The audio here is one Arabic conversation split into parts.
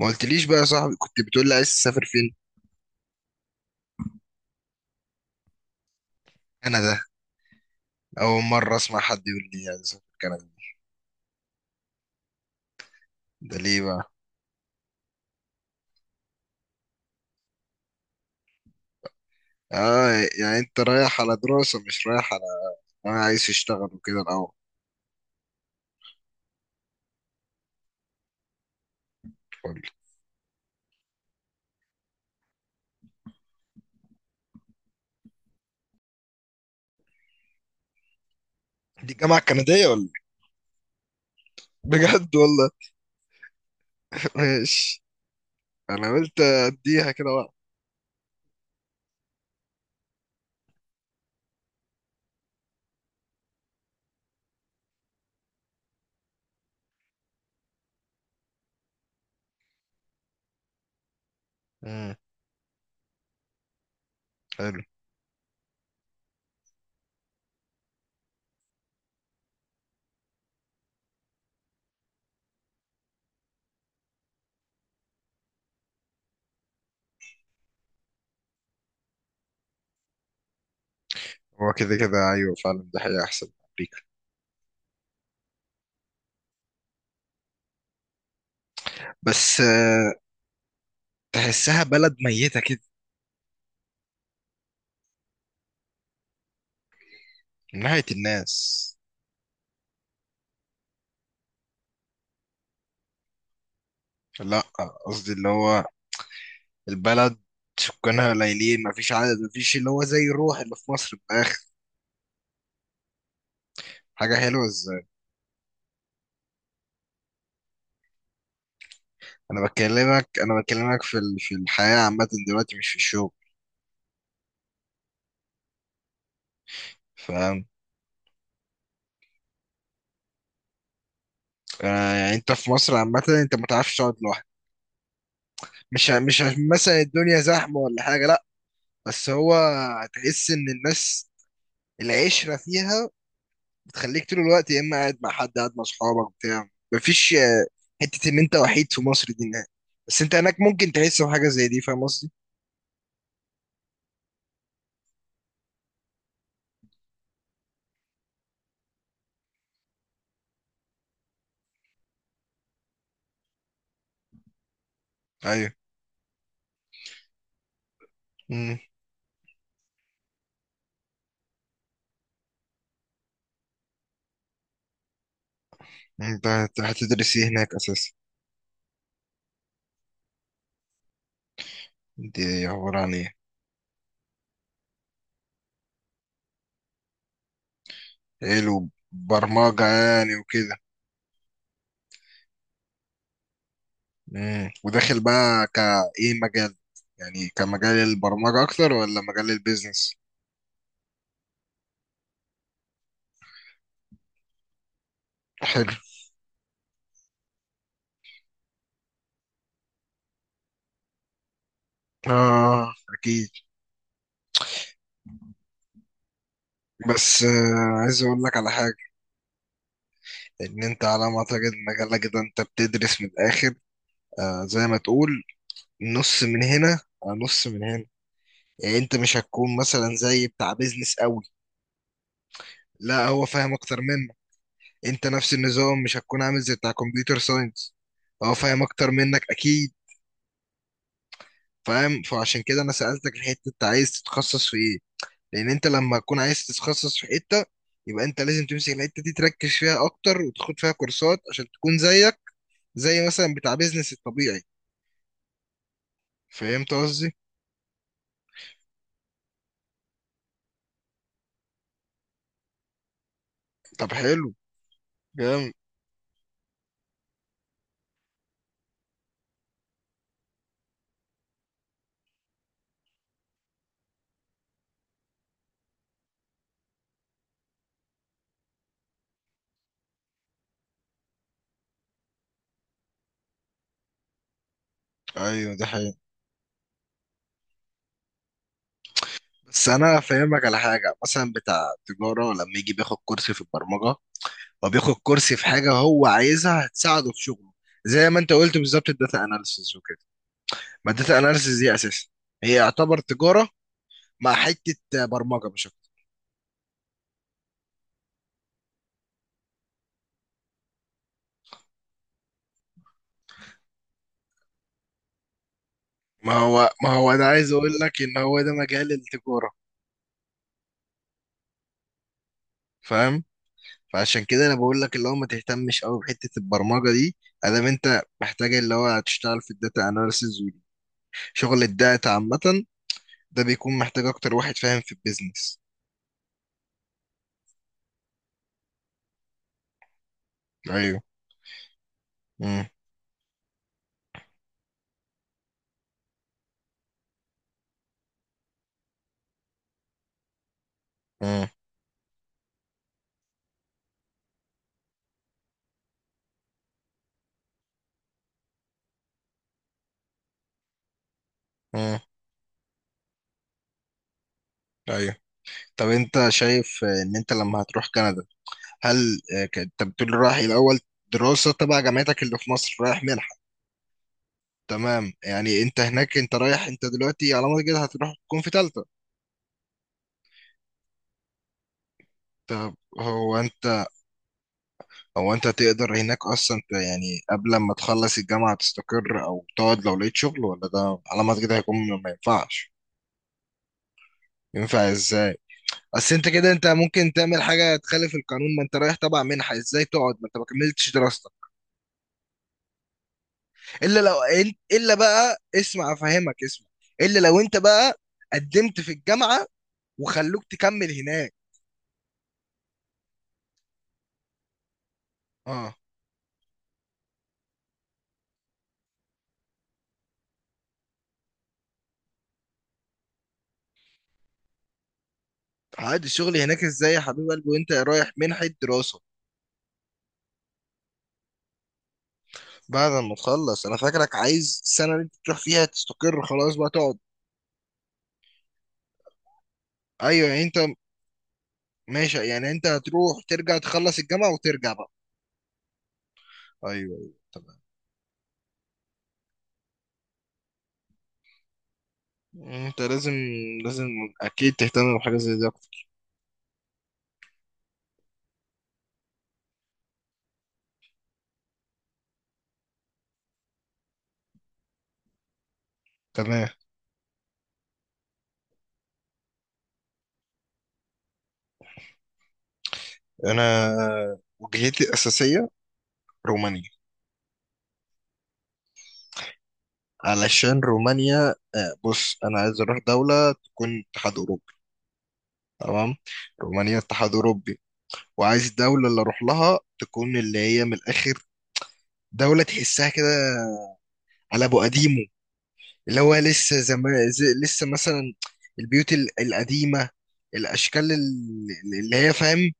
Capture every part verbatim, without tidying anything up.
ما قلتليش بقى يا صاحبي، كنت بتقول لي عايز تسافر فين؟ كندا؟ اول مره اسمع حد يقول لي عايز اسافر كندا. ده ليه بقى؟ اه. يعني انت رايح على دراسه مش رايح على، انا عايز اشتغل وكده الاول. قول لي. دي جامعه كنديه ولا إيه؟ بجد والله؟ ماشي. انا قلت اديها كده بقى. امم. حلو. هو كده كده ايوه، فعلا ده حقيقة احسن من امريكا. بس آه، تحسها بلد ميته كده. من ناحيه الناس. لا، قصدي اللي هو البلد، سكانها قليلين، مفيش عدد، مفيش اللي هو زي الروح اللي في مصر في الآخر. حاجة حلوة ازاي؟ أنا بكلمك أنا بكلمك في ال- في الحياة عامة دلوقتي مش في الشغل. فاهم. آه يعني أنت في مصر عامة أنت ما تعرفش تقعد لوحدك. مش ع- مش عشان مثلا الدنيا زحمة ولا حاجة، لأ. بس هو، هتحس إن الناس العشرة فيها بتخليك طول الوقت يا إما قاعد مع حد قاعد مع أصحابك بتاع مفيش آه، حتة إن أنت وحيد في مصر دي نهائي. بس أنت هناك ممكن تحس بحاجة زي دي، فاهم قصدي؟ ايوه. انت هت- هتدرس ايه هناك اساسا؟ دي عبارة عن ايه؟ علم برمجة يعني وكده؟ مم. وداخل بقى كايه مجال، يعني كمجال البرمجة اكتر ولا مجال البيزنس؟ حلو. اه، اكيد. بس آه عايز اقول لك على حاجة، ان انت على ما اعتقد مجالك ده انت بتدرس من الاخر، آه زي ما تقول نص من هنا على نص من هنا. يعني انت مش هتكون مثلا زي بتاع بيزنس قوي، لا هو فاهم اكتر منك. انت نفس النظام مش هتكون عامل زي بتاع كمبيوتر ساينس، هو فاهم اكتر منك اكيد. فاهم، فعشان كده انا سألتك الحتة انت عايز تتخصص في ايه. لان انت لما تكون عايز تتخصص في حتة يبقى انت لازم تمسك الحتة دي تركز فيها اكتر وتاخد فيها كورسات عشان تكون زيك زي مثلا بتاع بيزنس الطبيعي. فهمت قصدي؟ طب حلو. جامد. ايوه ده حقيقي. بس انا فاهمك على حاجة، مثلا بتاع تجارة لما يجي بياخد كورس في البرمجة، هو بياخد كورس في حاجه هو عايزها هتساعده في شغله، زي ما انت قلت بالظبط الداتا اناليسيس وكده. ما الداتا اناليسيس دي اساسا هي يعتبر تجاره مع حته برمجه مش اكتر. ما هو ما هو انا عايز اقول لك ان هو ده مجال التجاره. فاهم. فعشان كده انا بقول لك اللي هو ما تهتمش قوي بحته البرمجه دي، ادام انت محتاج اللي هو هتشتغل في الداتا اناليسيس وشغل الداتا عامه، ده بيكون محتاج اكتر واحد فاهم في البيزنس. ايوه. امم. امم. امم. ايوه. طب انت شايف آه، ان انت لما هتروح كندا، هل آه، ك- انت بتقول رايح الاول دراسة تبع جامعتك اللي في مصر رايح منحة. تمام يعني انت هناك انت رايح انت دلوقتي على ما كده هتروح تكون في تالتة. طب هو انت، هو انت تقدر هناك اصلا ت- يعني قبل ما تخلص الجامعة تستقر او تقعد لو لقيت شغل ولا ده على ما كده هيكون، ما ينفعش. ينفع ازاي؟ اصل انت كده انت ممكن تعمل حاجة تخالف القانون، ما انت رايح تبع منحة ازاي تقعد ما انت ما كملتش دراستك؟ الا لو. الا بقى اسمع افهمك اسمع. الا لو انت بقى قدمت في الجامعه وخلوك تكمل هناك. اه. عادي الشغل هناك ازاي يا حبيب قلبي وانت رايح منحه دراسه؟ بعد ما تخلص انا فاكرك عايز السنه اللي انت تروح فيها تستقر خلاص بقى تقعد. ايوه يعني انت. ماشي يعني انت هتروح ترجع تخلص الجامعه وترجع بقى. ايوه ايوه تمام. يعني انت لازم، لازم اكيد تهتم بحاجه زي دي اكتر. تمام. انا، وجهتي الاساسيه رومانيا. علشان رومانيا آه، بص انا عايز اروح دولة تكون اتحاد اوروبي. تمام. رومانيا اتحاد اوروبي، وعايز الدولة اللي اروح لها تكون اللي هي من الاخر، دولة تحسها كده على ابو قديمه، اللي هو لسه زمان زي لسه مثلا البيوت ال- القديمة، الاشكال ال- اللي هي فاهم،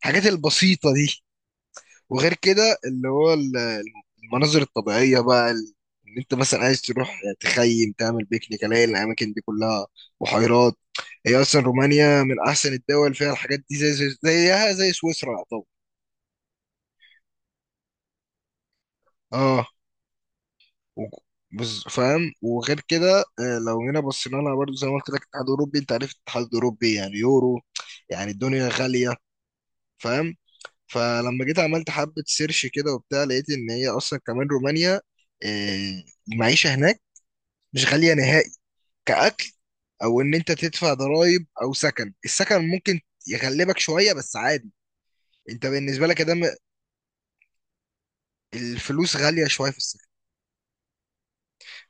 الحاجات البسيطة دي. وغير كده اللي هو ال- المناظر الطبيعية بقى ال- ان انت مثلا عايز تروح تخيم تعمل بيكنيك الاقي الاماكن دي كلها، بحيرات. هي اصلا رومانيا من احسن الدول فيها الحاجات دي زي زي- زيها زي سويسرا طبعا. اه و- بز- فاهم. وغير كده آه، لو جينا بصينا لها برضه زي ما قلت لك الاتحاد الاوروبي، انت عارف الاتحاد الاوروبي يعني يورو، يعني الدنيا غالية. فاهم. فلما جيت عملت حبة سيرش كده وبتاع لقيت ان هي اصلا كمان رومانيا. آه، المعيشة هناك مش غالية نهائي، كأكل. أو إن أنت تدفع ضرايب أو سكن السكن ممكن يغلبك شوية بس عادي، أنت بالنسبة لك ده الفلوس غالية شوية في السكن.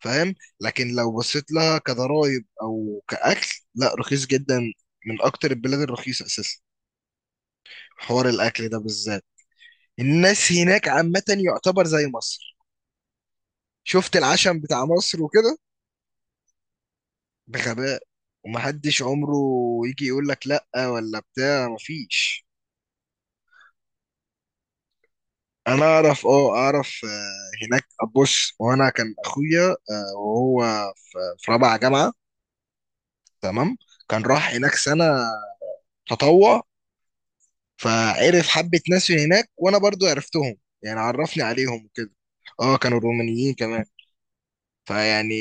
فاهم. لكن لو بصيت لها كضرايب أو كأكل، لا رخيص جدا، من أكتر البلاد الرخيصة أساسا حوار الأكل ده بالذات. الناس هناك عامة يعتبر زي مصر، شفت العشم بتاع مصر وكده، بغباء، ومحدش عمره يجي يقول لك لا ولا بتاع مفيش. انا اعرف اه اعرف آه، هناك. بص وانا كان اخويا آه، وهو في في رابعه جامعه، تمام، كان راح هناك سنه تطوع، فعرف حبه ناس من هناك وانا برضو عرفتهم، يعني عرفني عليهم وكده. اه كانوا رومانيين كمان. فيعني،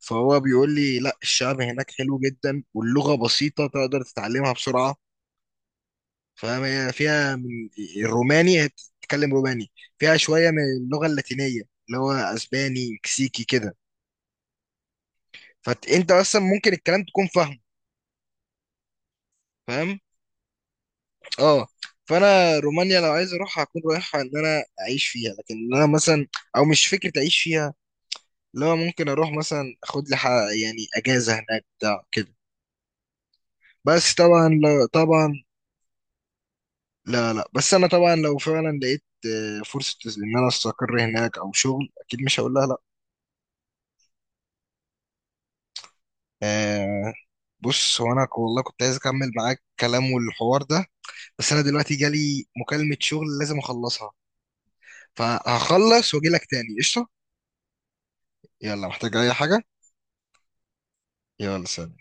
فهو بيقول لي لا الشعب هناك حلو جدا واللغه بسيطه تقدر تتعلمها بسرعه. فاهم، هي فيها من الروماني، هي بتتكلم روماني، فيها شويه من اللغه اللاتينيه اللي هو اسباني مكسيكي كده، فانت اصلا ممكن الكلام تكون فاهمه. فاهم. اه. فانا رومانيا لو عايز اروح هكون رايحها ان انا اعيش فيها، لكن إن انا مثلا او مش فكره اعيش فيها، لو ممكن اروح مثلا اخد لي ح- يعني اجازه هناك بتاع كده. بس طبعا لا طبعا. لا لا، بس انا طبعا لو فعلا لقيت آه، فرصه ان انا استقر هناك او شغل اكيد مش هقول لها لا. آه. بص هو انا ك- والله كنت عايز اكمل معاك كلام والحوار ده، بس انا دلوقتي جالي مكالمه شغل لازم اخلصها. فهخلص واجي لك تاني قشطة. يلا، محتاج اي حاجة؟ يلا سلام.